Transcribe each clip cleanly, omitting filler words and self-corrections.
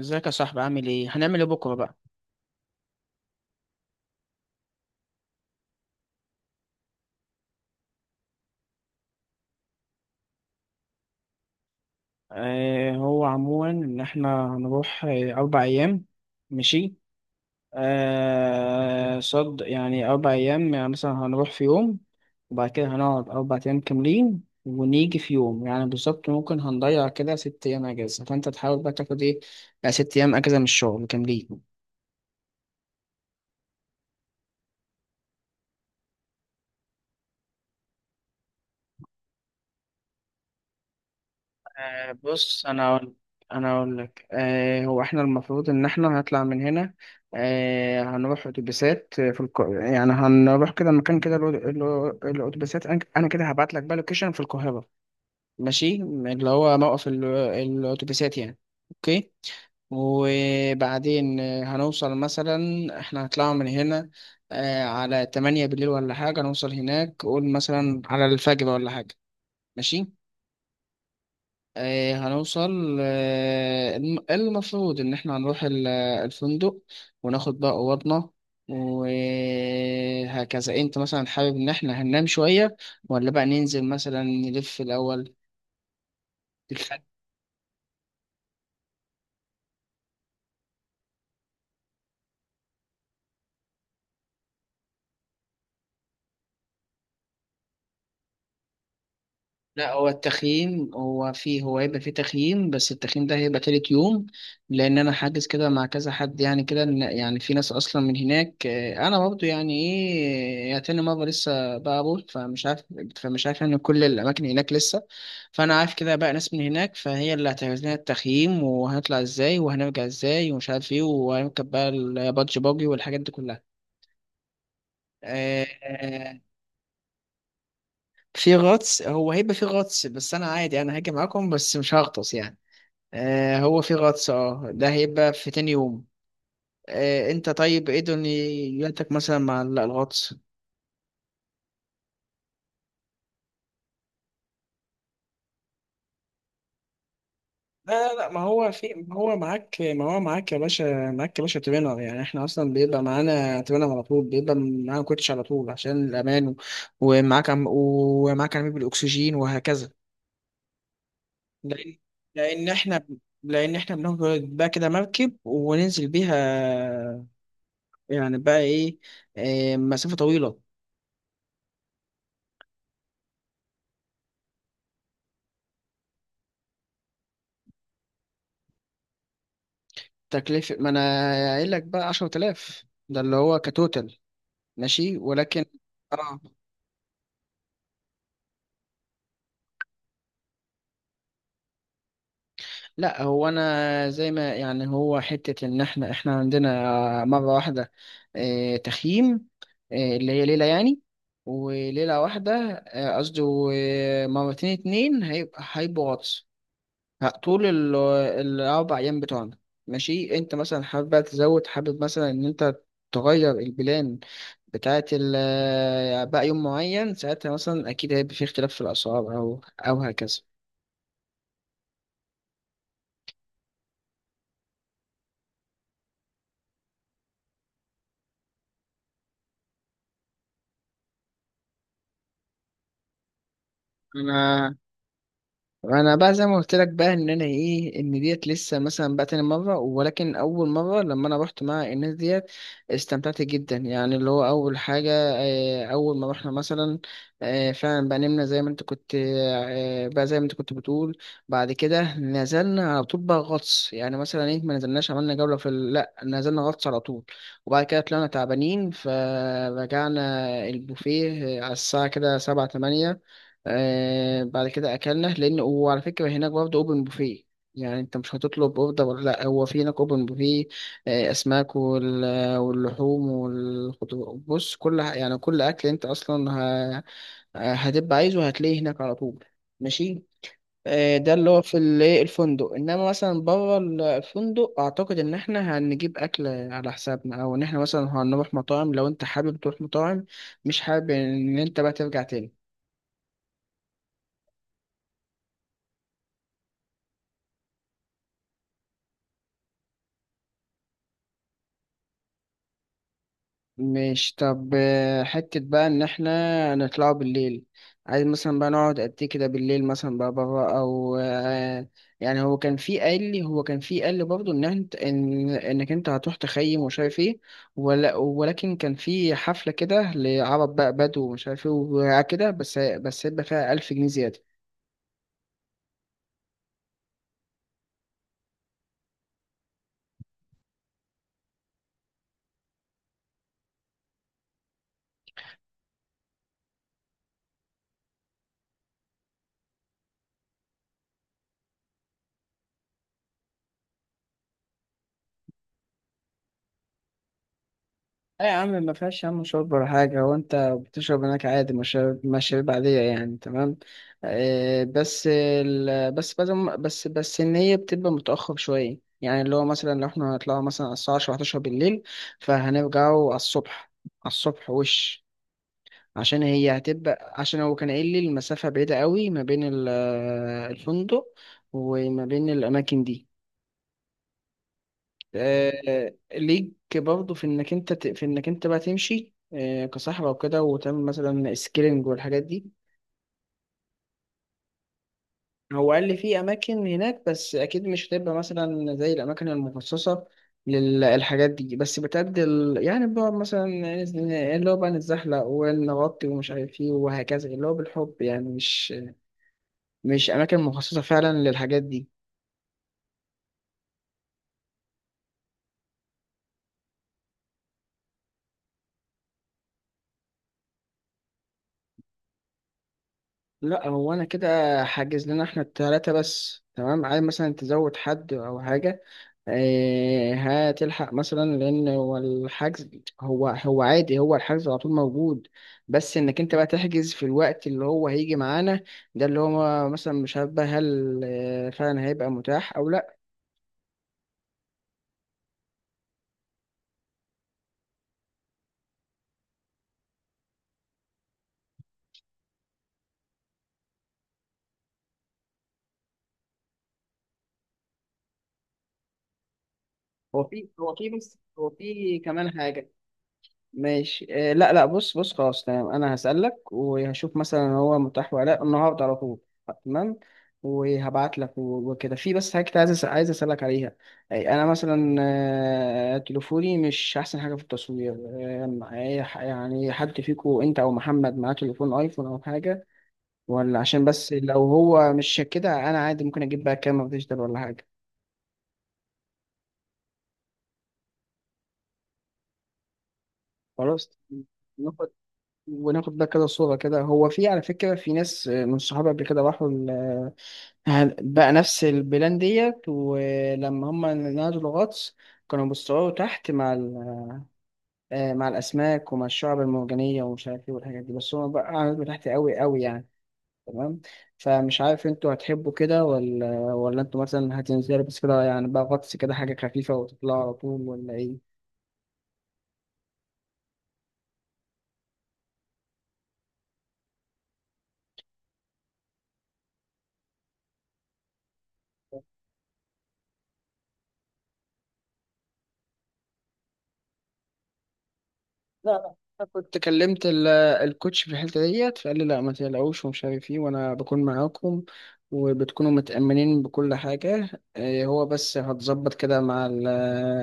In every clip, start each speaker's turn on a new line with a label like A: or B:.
A: ازيك يا صاحبي، عامل ايه؟ هنعمل ايه بكره بقى؟ هو عموما ان احنا هنروح، 4 ايام. ماشي. آه صد يعني اربع ايام، يعني مثلا هنروح في يوم، وبعد كده هنقعد اربع ايام كاملين ونيجي في يوم. يعني بالظبط ممكن هنضيع كده 6 ايام اجازه، فانت تحاول بقى تاخد ايه، يعني 6 ايام اجازه من الشغل كاملين. بص، انا اقول لك هو احنا المفروض ان احنا هنطلع من هنا. هنروح اتوبيسات في يعني هنروح كده مكان كده، الاتوبيسات. انا كده هبعت لك بقى لوكيشن في القاهره، ماشي، اللي هو موقف الاتوبيسات يعني. اوكي. وبعدين هنوصل مثلا، احنا هنطلع من هنا على 8 بالليل ولا حاجه، نوصل هناك قول مثلا على الفجر ولا حاجه. ماشي. هنوصل، إيه المفروض إن إحنا هنروح الفندق، وناخد بقى أوضنا وهكذا. أنت مثلا حابب إن إحنا هننام شوية، ولا بقى ننزل مثلا نلف الأول؟ لا، هو التخييم هو فيه هو هيبقى فيه تخييم، بس التخييم ده هيبقى تالت يوم، لأن أنا حاجز كده مع كذا حد. يعني كده يعني في ناس أصلا من هناك. أنا برضه يعني إيه، يعني تاني مرة لسه بقابل، فمش عارف يعني كل الأماكن هناك لسه. فأنا عارف كده بقى ناس من هناك، فهي اللي هتعمل لنا التخييم، وهنطلع إزاي وهنرجع إزاي ومش عارف إيه، وهنركب بقى البادج باجي والحاجات دي كلها. آه، آه، في غطس، هو هيبقى في غطس، بس أنا عادي، أنا هاجي معاكم بس مش هغطس يعني. هو في غطس، ده هيبقى في تاني يوم. انت طيب ايه دنيتك مثلا مع الغطس؟ لا، لا، لا، ما هو معاك يا باشا، معاك يا باشا ترينر. يعني احنا اصلا بيبقى معانا ترينر على طول، بيبقى معانا كوتش على طول عشان الامان، ومعاك عميل بالاكسجين وهكذا، لان لان احنا لان احنا بناخد بقى كده مركب وننزل بيها، يعني بقى إيه مسافة طويلة. تكلفة؟ ما أنا قايل لك بقى 10,000، ده اللي هو كتوتال. ماشي، ولكن. اه. لا، هو انا زي ما يعني، هو حتة ان احنا عندنا مرة واحدة تخييم، اللي هي ليلة يعني، وليلة واحدة. قصدي، مرتين اتنين هيبقوا غطس طول الأربع أيام بتوعنا. ماشي. أنت مثلا حابب بقى تزود، حابب مثلا إن أنت تغير البلان بتاعة بقى يوم معين، ساعتها مثلا أكيد هيبقى في اختلاف في الأسعار أو هكذا. أنا انا بقى زي ما قلت لك بقى، ان انا ايه، ان ديت لسه مثلا بقى تاني مره، ولكن اول مره لما انا رحت مع الناس ديت، استمتعت جدا يعني. اللي هو اول حاجه اول ما رحنا مثلا، فعلا بقى نمنا زي ما انت كنت، آه، بقى زي ما انت كنت بتقول. بعد كده نزلنا على طول بقى غطس، يعني مثلا ايه، ما نزلناش عملنا جوله في لا، نزلنا غطس على طول. وبعد كده طلعنا تعبانين فرجعنا البوفيه على الساعه كده سبعة تمانية. بعد كده اكلنا. لان وعلى فكره هناك برضه اوبن بوفيه، يعني انت مش هتطلب اوردر، ولا لا، هو في هناك اوبن بوفيه. اسماك واللحوم والخضروات. بص كل يعني كل اكل انت اصلا ه... هتبقى عايزه، هتلاقيه هناك على طول. ماشي. ده اللي هو في ال- إيه، الفندق، انما مثلا بره الفندق اعتقد ان احنا هنجيب اكل على حسابنا، او ان احنا مثلا هنروح مطاعم لو انت حابب تروح مطاعم، مش حابب ان انت بقى ترجع تاني. مش طب حتة بقى إن إحنا نطلعوا بالليل، عايز مثلا بقى نقعد قد إيه كده بالليل مثلا بقى بره، أو يعني. هو كان في قال لي برضه إن أنت، إن إنك أنت هتروح تخيم ومش عارف إيه، ولا ولكن كان في حفلة كده لعرب بقى بدو ومش عارف إيه وكده، بس هيبقى فيها 1000 جنيه زيادة. ايه يا عم، ما فيهاش يا عم شرب ولا حاجة. هو انت بتشرب هناك عادي، مشاريب مشاريب عادية يعني، تمام. بس ال... بس بس بس بس ان هي بتبقى متأخر شوية، يعني اللي هو مثلا لو احنا هنطلعوا مثلا على الساعة 10 11 بالليل، فهنرجعوا على الصبح. وش عشان هي هتبقى، عشان هو كان قايل لي المسافة بعيدة قوي ما بين الفندق وما بين الأماكن دي. ليك برضه في في انك انت بقى تمشي كصاحب او كده، وتعمل مثلا سكيلينج والحاجات دي. هو قال لي في اماكن هناك، بس اكيد مش هتبقى مثلا زي الاماكن المخصصه للحاجات دي، بس بتأدي يعني بقى مثلا نز- اللي هو بقى نتزحلق ونغطي ومش عارف ايه وهكذا، اللي هو بالحب يعني مش اماكن مخصصه فعلا للحاجات دي. لا، هو انا كده حاجز لنا احنا التلاتة بس، تمام. عايز مثلا تزود حد او حاجه؟ آه، هتلحق مثلا، لان هو الحجز، هو هو عادي، هو الحجز على طول موجود، بس انك انت بقى تحجز في الوقت اللي هو هيجي معانا، ده اللي هو مثلا مش عارف بقى هل فعلا هيبقى متاح او لا. هو في كمان حاجه. ماشي لا لا، بص خلاص تمام. انا هسألك وهشوف مثلا هو متاح ولا لا النهارده على طول، تمام. وهبعت لك وكده. في بس حاجة كنت عايز عايز اسألك عليها. أي، انا مثلا تليفوني مش احسن حاجة في التصوير، أي يعني حد فيكو انت او محمد معاه تليفون ايفون او حاجة؟ ولا عشان بس لو هو مش كده انا عادي ممكن اجيب بقى كاميرا ديجيتال ولا حاجة. خلاص. ناخد وناخد ده كده صورة كده. هو في على فكرة في ناس من صحابي قبل كده راحوا بقى نفس البلان ديت، ولما هم نزلوا غطس كانوا بيصوروا تحت مع مع الأسماك ومع الشعب المرجانية ومش عارف ايه والحاجات دي، بس هم بقى قعدوا تحت قوي قوي يعني. تمام. فمش عارف انتوا هتحبوا كده، ولا انتوا مثلا هتنزلوا بس كده، يعني بقى غطس كده حاجة خفيفة وتطلعوا على طول ولا ايه؟ لا، لا. انا كنت كلمت الكوتش في الحته ديت، فقال لي لا ما تقلقوش ومش عارف ايه، وانا بكون معاكم وبتكونوا متأمنين بكل حاجة. إيه، هو بس هتظبط كده مع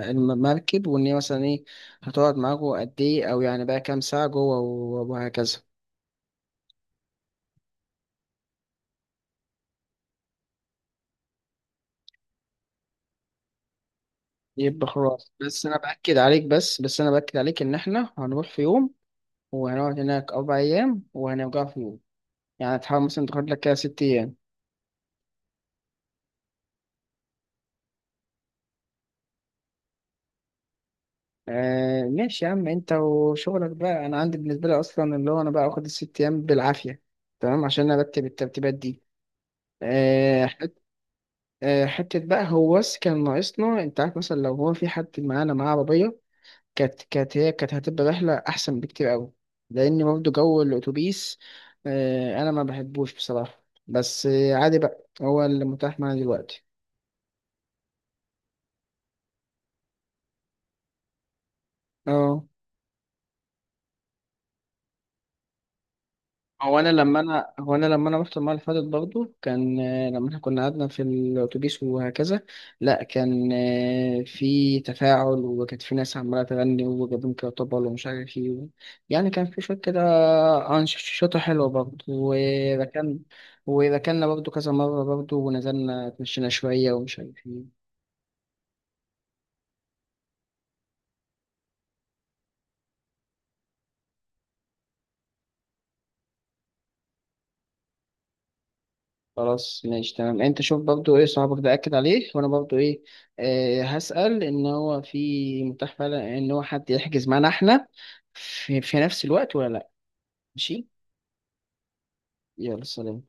A: المركب، وإن هي مثلا إيه، هتقعد معاكم قد إيه، أو يعني بقى كام ساعة جوه وهكذا. يبقى خلاص. بس أنا بأكد عليك بس بس أنا بأكد عليك إن إحنا هنروح في يوم، وهنقعد هناك 4 أيام، وهنرجع في يوم. يعني تحاول مثلا تاخد لك كده 6 أيام. ماشي يا عم، انت وشغلك بقى. انا عندي بالنسبه لي اصلا اللي هو انا بقى اخد الـ6 ايام بالعافيه، تمام، عشان ارتب الترتيبات دي. آه حت آه حته بقى، هو بس كان ناقصنا، انت عارف مثلا لو هو في حد معانا معاه عربيه كانت هتبقى رحله احسن بكتير قوي، لان برضه جو الاتوبيس انا ما بحبوش بصراحه، بس عادي بقى هو اللي متاح معايا دلوقتي. اه هو انا لما انا هو انا لما انا رحت المره اللي فاتت برضه كان، لما احنا كنا قعدنا في الاتوبيس وهكذا، لا كان في تفاعل، وكانت في ناس عماله تغني وجابوا كرطبل ومش عارف ايه يعني كان في شويه كده انشطه حلوه برضه. وركننا برضه كذا مره برضه، ونزلنا اتمشينا شويه ومش عارف ايه. خلاص ماشي تمام. انت شوف برضو ايه صاحبك ده، اكد عليه، وانا برضو ايه هسأل ان هو في متاح فعلا ان هو حد يحجز معانا احنا في نفس الوقت ولا لا. ماشي. يلا، سلام.